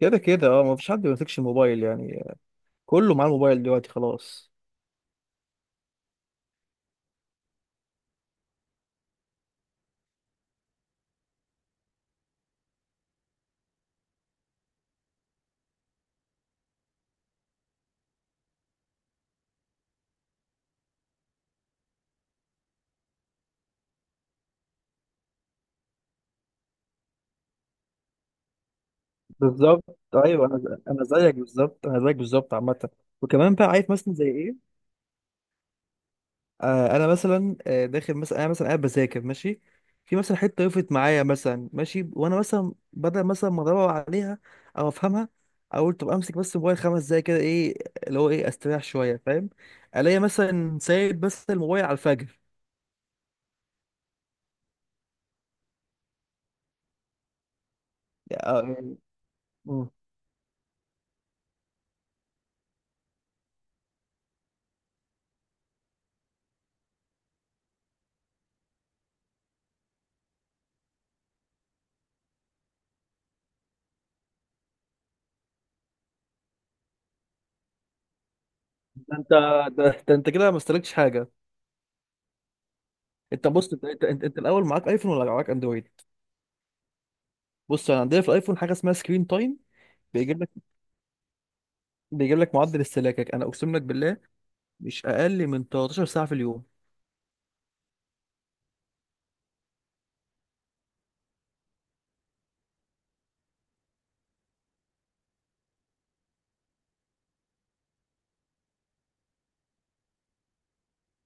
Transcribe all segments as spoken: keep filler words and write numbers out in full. كده كده اه، مفيش حد ما بيمسكش الموبايل يعني. كله معاه الموبايل دلوقتي خلاص. بالظبط ايوه، انا ز- انا زيك بالظبط، انا زيك بالظبط عامه. وكمان بقى عارف مثلا زي ايه. آه انا مثلا، آه داخل مثلا، انا مثلا قاعد بذاكر ماشي. في مثلا حته وقفت معايا مثلا ماشي، وانا مثلا بدل مثلا ما ادور عليها او افهمها، اقول طب امسك بس الموبايل خمس دقايق كده ايه، اللي هو ايه استريح شويه فاهم. الاقي مثلا سايب بس الموبايل على الفجر. آه، يعني مم. ده انت، ده, ده انت كده ما استهلكتش حاجه. انت بص، انت انت, انت, انت الاول معاك ايفون ولا معاك اندرويد؟ بص انا عندنا في الايفون حاجه اسمها سكرين تايم. بيجيب لك بيجيب لك معدل استهلاكك، انا اقسم لك بالله مش اقل من تلتاشر ساعه في اليوم.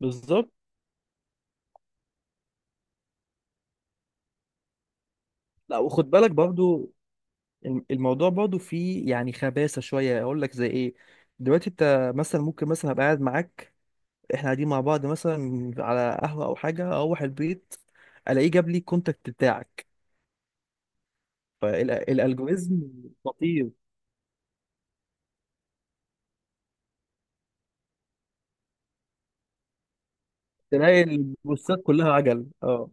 بالظبط. لا وخد بالك برضو، الم- الموضوع برضو فيه يعني خباثه شويه، اقول لك زي ايه. دلوقتي انت مثلا ممكن مثلا ابقى قاعد معاك، احنا قاعدين مع بعض مثلا على قهوه او حاجه، اروح البيت الاقيه جاب لي الكونتاكت بتاعك، فالالجوريزم. خطير. تلاقي البوستات كلها عجل اه.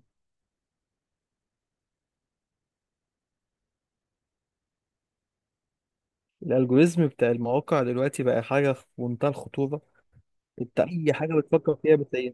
الالجوريزم بتاع المواقع دلوقتي بقى حاجه في منتهى الخطوره. انت اي حاجه بتفكر فيها بتلاقيها.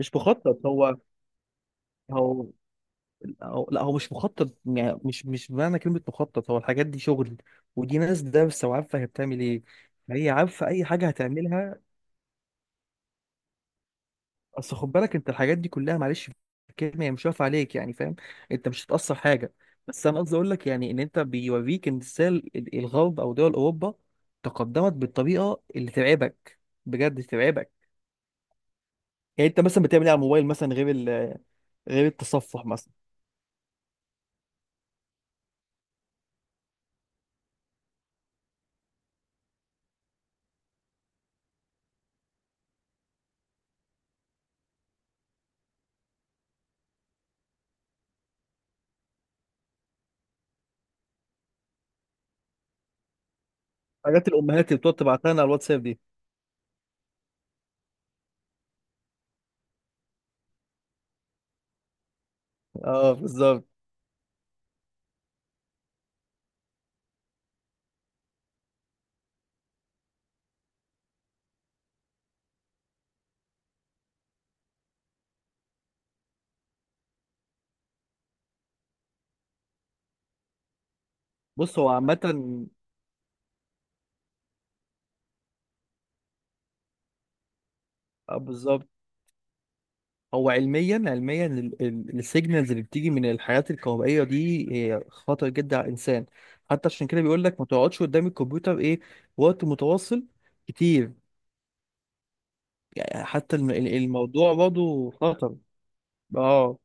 مش مخطط هو. هو هو- لا، هو مش مخطط، يعني مش مش بمعنى كلمه مخطط، هو الحاجات دي شغل. ودي ناس دارسه وعارفه هي بتعمل ايه. هي عارفه اي حاجه هتعملها. اصل خد بالك، انت الحاجات دي كلها معلش، في الكلمه هي مش واقفه عليك، يعني فاهم. انت مش هتاثر حاجه. بس انا قصدي اقول لك يعني ان انت بيوريك ان ازاي ال- الغرب او دول اوروبا تقدمت بالطريقه اللي ترعبك، بجد ترعبك. يعني انت مثلا بتعمل ايه على الموبايل مثلا غير ال... غير التصفح مثلا. حاجات الامهات اللي بتقعد تبعتها لنا على الواتساب دي. اه بالظبط. بص هو عامه. اه بالظبط. هو علميا، علميا ال- ال- السيجنالز اللي بتيجي من الحاجات الكهربائيه دي هي خطر جدا على الانسان. حتى عشان كده بيقول لك ما تقعدش قدام الكمبيوتر ايه وقت متواصل كتير. يعني حتى الم- ال- الموضوع برضه خطر. اه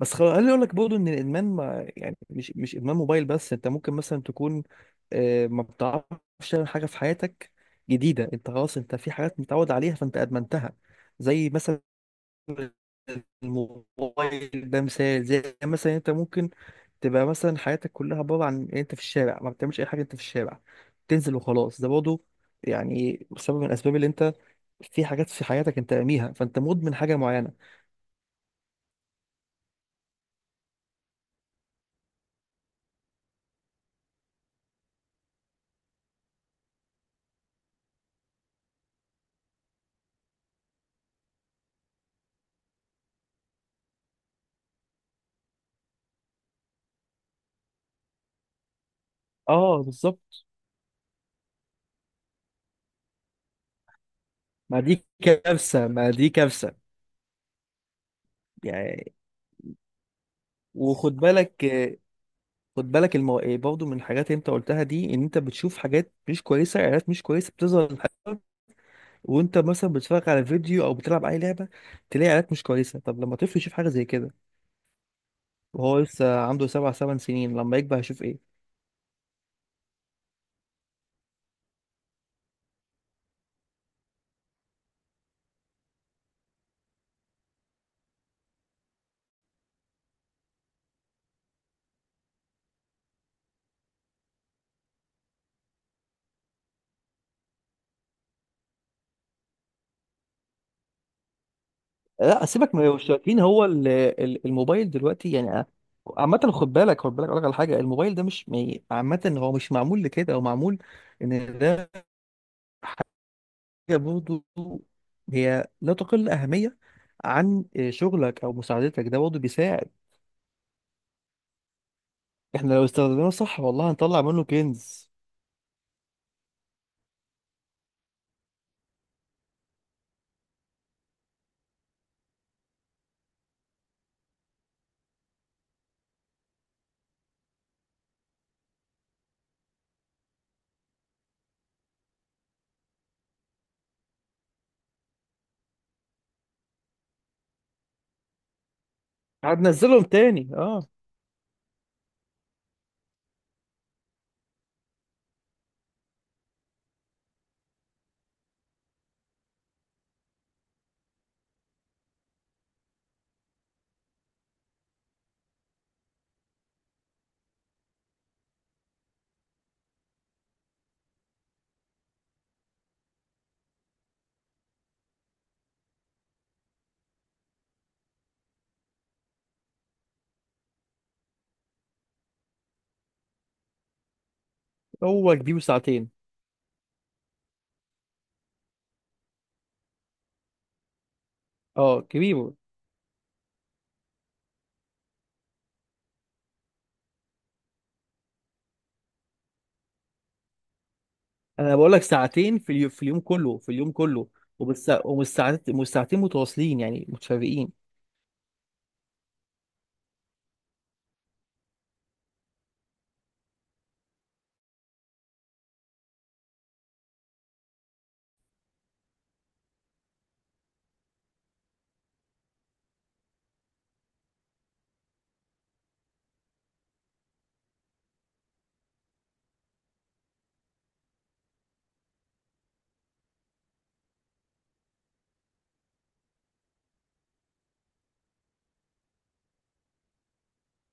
بس خل... خليني اقول لك برضه ان الادمان، ما يعني مش مش ادمان موبايل بس. انت ممكن مثلا تكون آه، ما بتعرفش تعمل حاجه في حياتك جديده. انت خلاص، انت في حاجات متعود عليها فانت ادمنتها. زي مثلا الموبايل، ده مثال. زي مثلا انت ممكن تبقى مثلا حياتك كلها عباره عن إن انت في الشارع ما بتعملش اي حاجه، انت في الشارع تنزل وخلاص. ده برضه يعني سبب من الاسباب اللي انت في حاجات في حياتك انت راميها، فانت مدمن حاجه معينه. اه بالظبط. ما دي كارثة ما دي كارثة. يعني وخد بالك، خد بالك المو... برضه من الحاجات اللي انت قلتها دي، ان انت بتشوف حاجات مش كويسة، اعلانات مش كويسة بتظهر لحد- وانت مثلا بتتفرج على فيديو او بتلعب اي لعبة تلاقي اعلانات مش كويسة. طب لما طفل يشوف حاجة زي كده وهو لسه عنده سبع ثمان سنين، لما يكبر هيشوف ايه؟ لا سيبك من المشتركين، هو ال- ال- الموبايل دلوقتي يعني آه، عامة خد بالك، خد بالك اقول لك على حاجة. الموبايل ده مش ما- عامة هو مش معمول لكده، هو معمول ان ده برضه هي لا تقل أهمية عن آه، شغلك أو مساعدتك، ده برضه بيساعد. احنا لو استخدمناه صح والله هنطلع منه كنز. هننزلهم تاني اه. هو كبير ساعتين. اه كبير. انا بقول لك ساعتين في اليوم، في اليوم كله، في اليوم كله وبس، ومش ساعت- مش ساعتين متواصلين يعني متفرقين.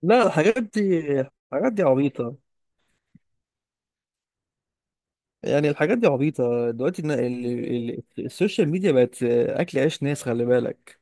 لا الحاجات دي، الحاجات دي عبيطة. يعني الحاجات دي عبيطة دلوقتي، إن ال- ال- السوشيال ميديا بقت أكل عيش ناس خلي بالك.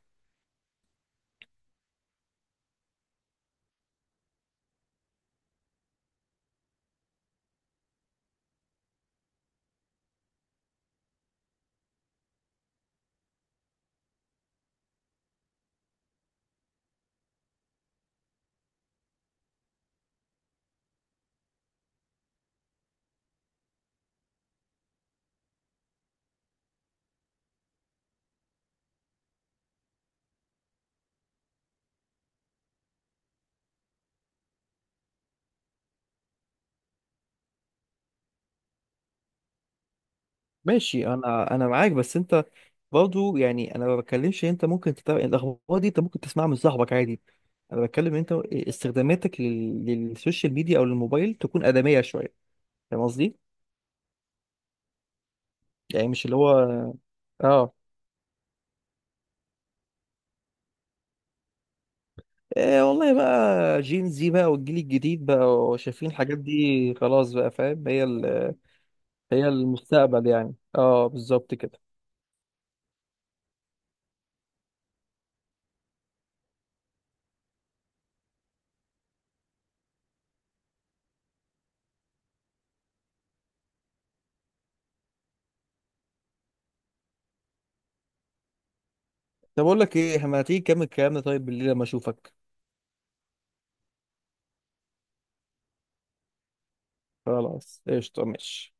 ماشي، أنا أنا معاك بس أنت برضه، يعني انا ما بتكلمش إن انت ممكن تتابع الاخبار دي، انت ممكن تسمعها من صاحبك عادي. انا بتكلم إن انت استخداماتك لل... للسوشيال ميديا او للموبايل تكون ادميه شويه. فاهم قصدي؟ يعني مش اللي هو اه. إيه والله بقى، جين زي بقى والجيل الجديد بقى شايفين الحاجات دي خلاص بقى فاهم، هي ال... هي المستقبل يعني. اه بالظبط كده. طب اقول لك ايه، احنا ما تيجي نكمل كلامنا طيب بالليل لما اشوفك. خلاص قشطه ماشي.